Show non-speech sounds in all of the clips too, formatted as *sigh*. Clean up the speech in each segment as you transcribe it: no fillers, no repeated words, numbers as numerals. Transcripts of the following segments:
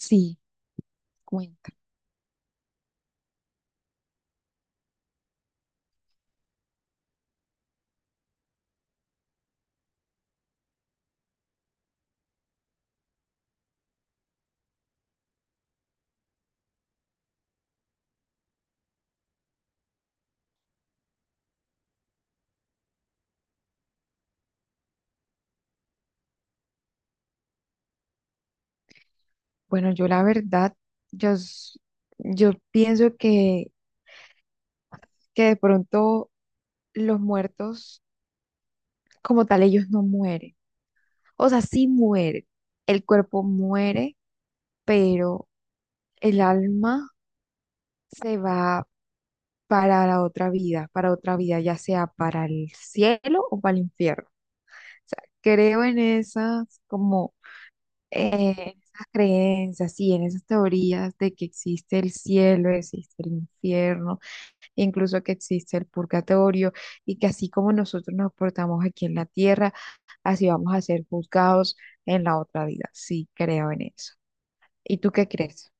Sí, cuenta. Bueno, yo la verdad, yo, s- yo pienso que de pronto los muertos, como tal, ellos no mueren. O sea, sí mueren. El cuerpo muere, pero el alma se va para la otra vida, para otra vida, ya sea para el cielo o para el infierno. O sea, creo en esas, como, en esas creencias, sí, en esas teorías de que existe el cielo, existe el infierno, incluso que existe el purgatorio, y que así como nosotros nos portamos aquí en la tierra, así vamos a ser juzgados en la otra vida. Sí, creo en eso. ¿Y tú qué crees?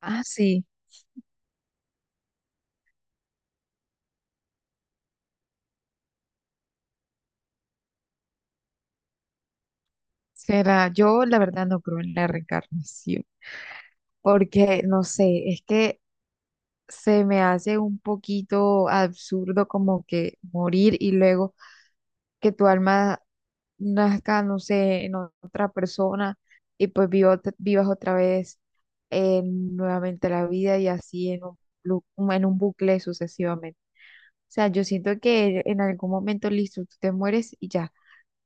Ah, sí, será. Yo la verdad no creo en la reencarnación, porque no sé, es que se me hace un poquito absurdo como que morir y luego que tu alma nazca, no sé, en otra persona y pues vivas otra vez nuevamente la vida y así en lu- en un bucle sucesivamente. O sea, yo siento que en algún momento, listo, tú te mueres y ya.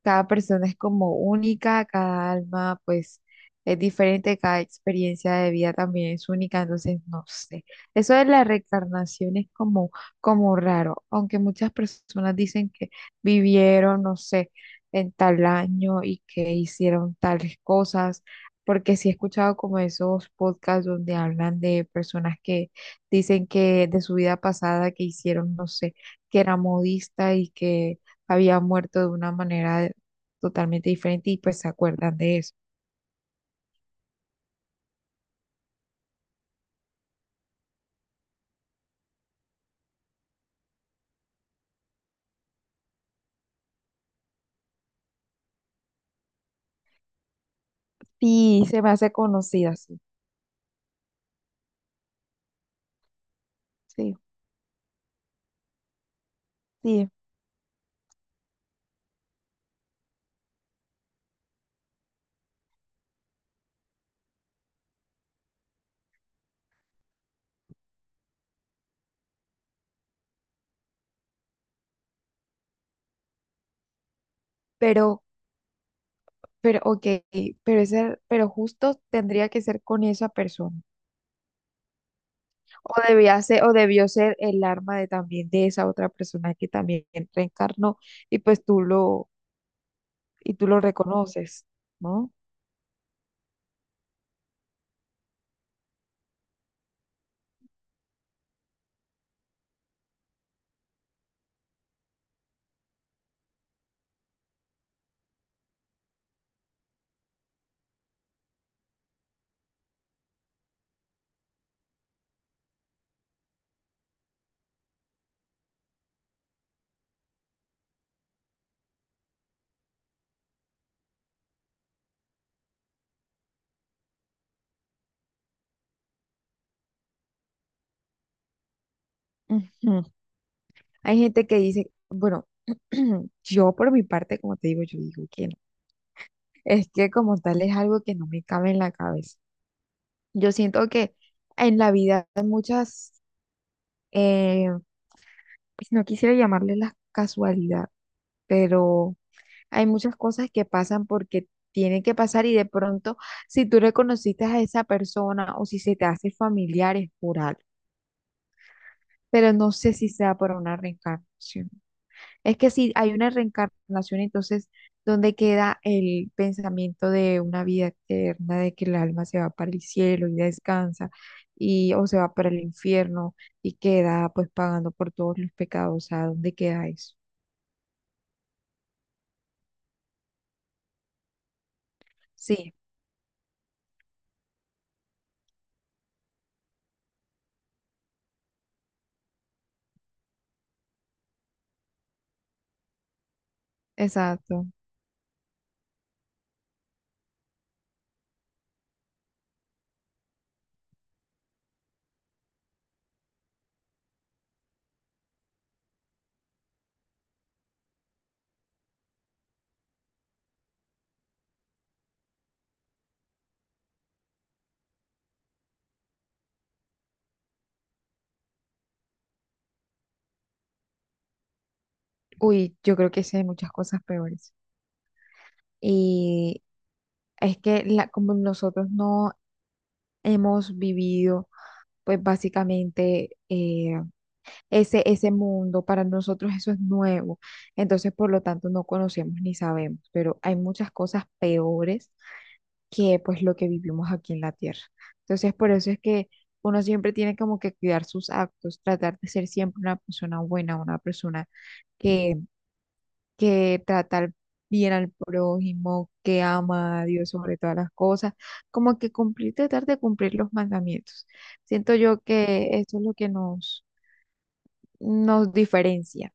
Cada persona es como única, cada alma pues es diferente, cada experiencia de vida también es única, entonces no sé. Eso de la reencarnación es como, como raro, aunque muchas personas dicen que vivieron, no sé, en tal año y que hicieron tales cosas, porque sí he escuchado como esos podcasts donde hablan de personas que dicen que de su vida pasada que hicieron, no sé, que era modista y que había muerto de una manera totalmente diferente y pues se acuerdan de eso. Sí, se me hace conocida, sí, sí, sí, pero, pero, ok, pero justo tendría que ser con esa persona. O debía ser, o debió ser el arma de también de esa otra persona que también reencarnó y y tú lo reconoces, ¿no? Ujú. Hay gente que dice, bueno, *clears throat* yo por mi parte, como te digo, yo digo que no. Es que como tal es algo que no me cabe en la cabeza. Yo siento que en la vida hay muchas, eh, pues no quisiera llamarle la casualidad, pero hay muchas cosas que pasan porque tienen que pasar y de pronto si tú reconociste a esa persona o si se te hace familiar es por algo, pero no sé si sea por una reencarnación. Es que si hay una reencarnación, entonces, ¿dónde queda el pensamiento de una vida eterna, de que el alma se va para el cielo y descansa, y, o se va para el infierno y queda pues pagando por todos los pecados? O sea, ¿dónde queda eso? Sí, exacto. Uy, yo creo que sí hay muchas cosas peores. Y es que la, como nosotros no hemos vivido, pues básicamente ese, ese mundo, para nosotros eso es nuevo. Entonces, por lo tanto, no conocemos ni sabemos, pero hay muchas cosas peores que pues lo que vivimos aquí en la Tierra. Entonces, por eso es que uno siempre tiene como que cuidar sus actos, tratar de ser siempre una persona buena, una persona que, que tratar bien al prójimo, que ama a Dios sobre todas las cosas, como que cumplir, tratar de cumplir los mandamientos. Siento yo que eso es lo que nos, nos diferencia.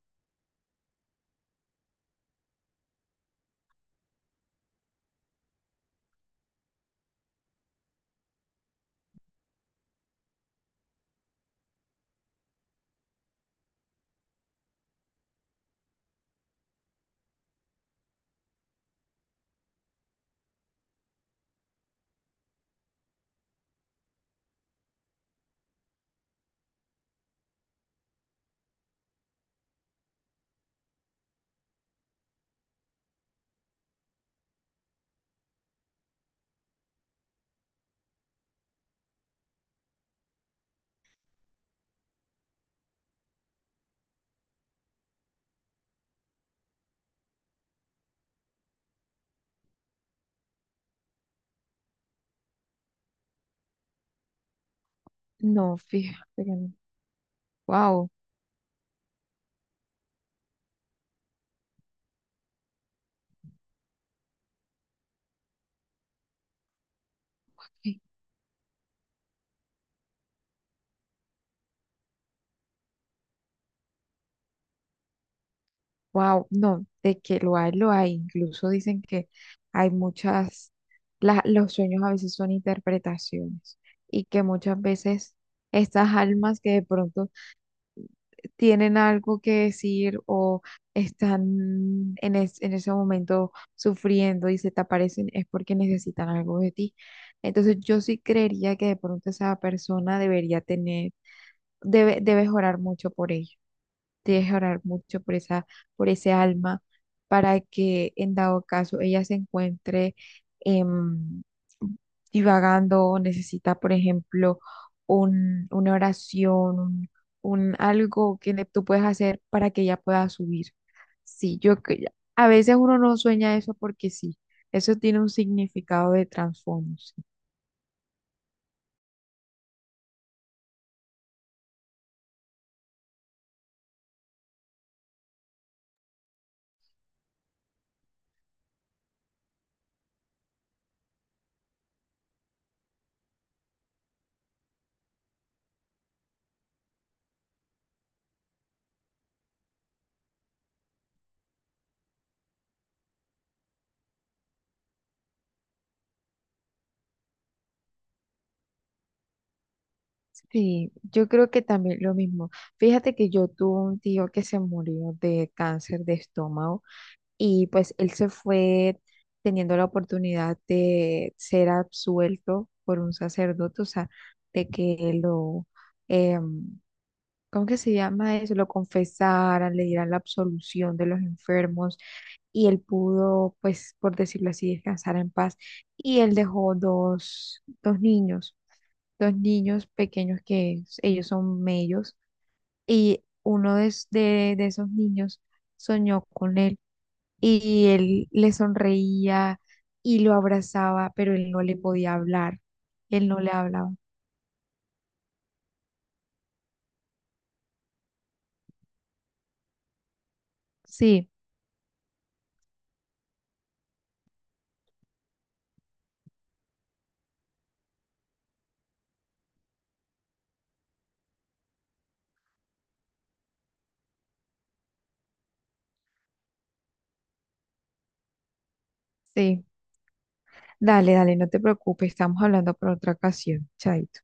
No, fíjate que no. Wow, wow, no, de que lo hay, lo hay. Incluso dicen que hay muchas, los sueños a veces son interpretaciones y que muchas veces estas almas que de pronto tienen algo que decir o están en ese momento sufriendo y se te aparecen es porque necesitan algo de ti. Entonces yo sí creería que de pronto esa persona debería tener, debe, debes orar mucho por ella. Tienes que orar mucho por esa, por ese alma para que en dado caso ella se encuentre em, divagando o necesita, por ejemplo, una oración, un algo que tú puedes hacer para que ella pueda subir. Sí, yo que a veces uno no sueña eso porque sí, eso tiene un significado de trasfondo. Sí, sí, yo creo que también lo mismo. Fíjate que yo tuve un tío que se murió de cáncer de estómago y pues él se fue teniendo la oportunidad de ser absuelto por un sacerdote, o sea, de que lo, em, ¿cómo que se llama eso? Lo confesaran, le dieran la absolución de los enfermos y él pudo, pues, por decirlo así, descansar en paz. Y él dejó dos niños pequeños que ellos son mellos, y uno de, es- de esos niños soñó con él y él le sonreía y lo abrazaba, pero él no le podía hablar, él no le hablaba. Sí, sí, dale, dale, no te preocupes, estamos hablando por otra ocasión, chaito.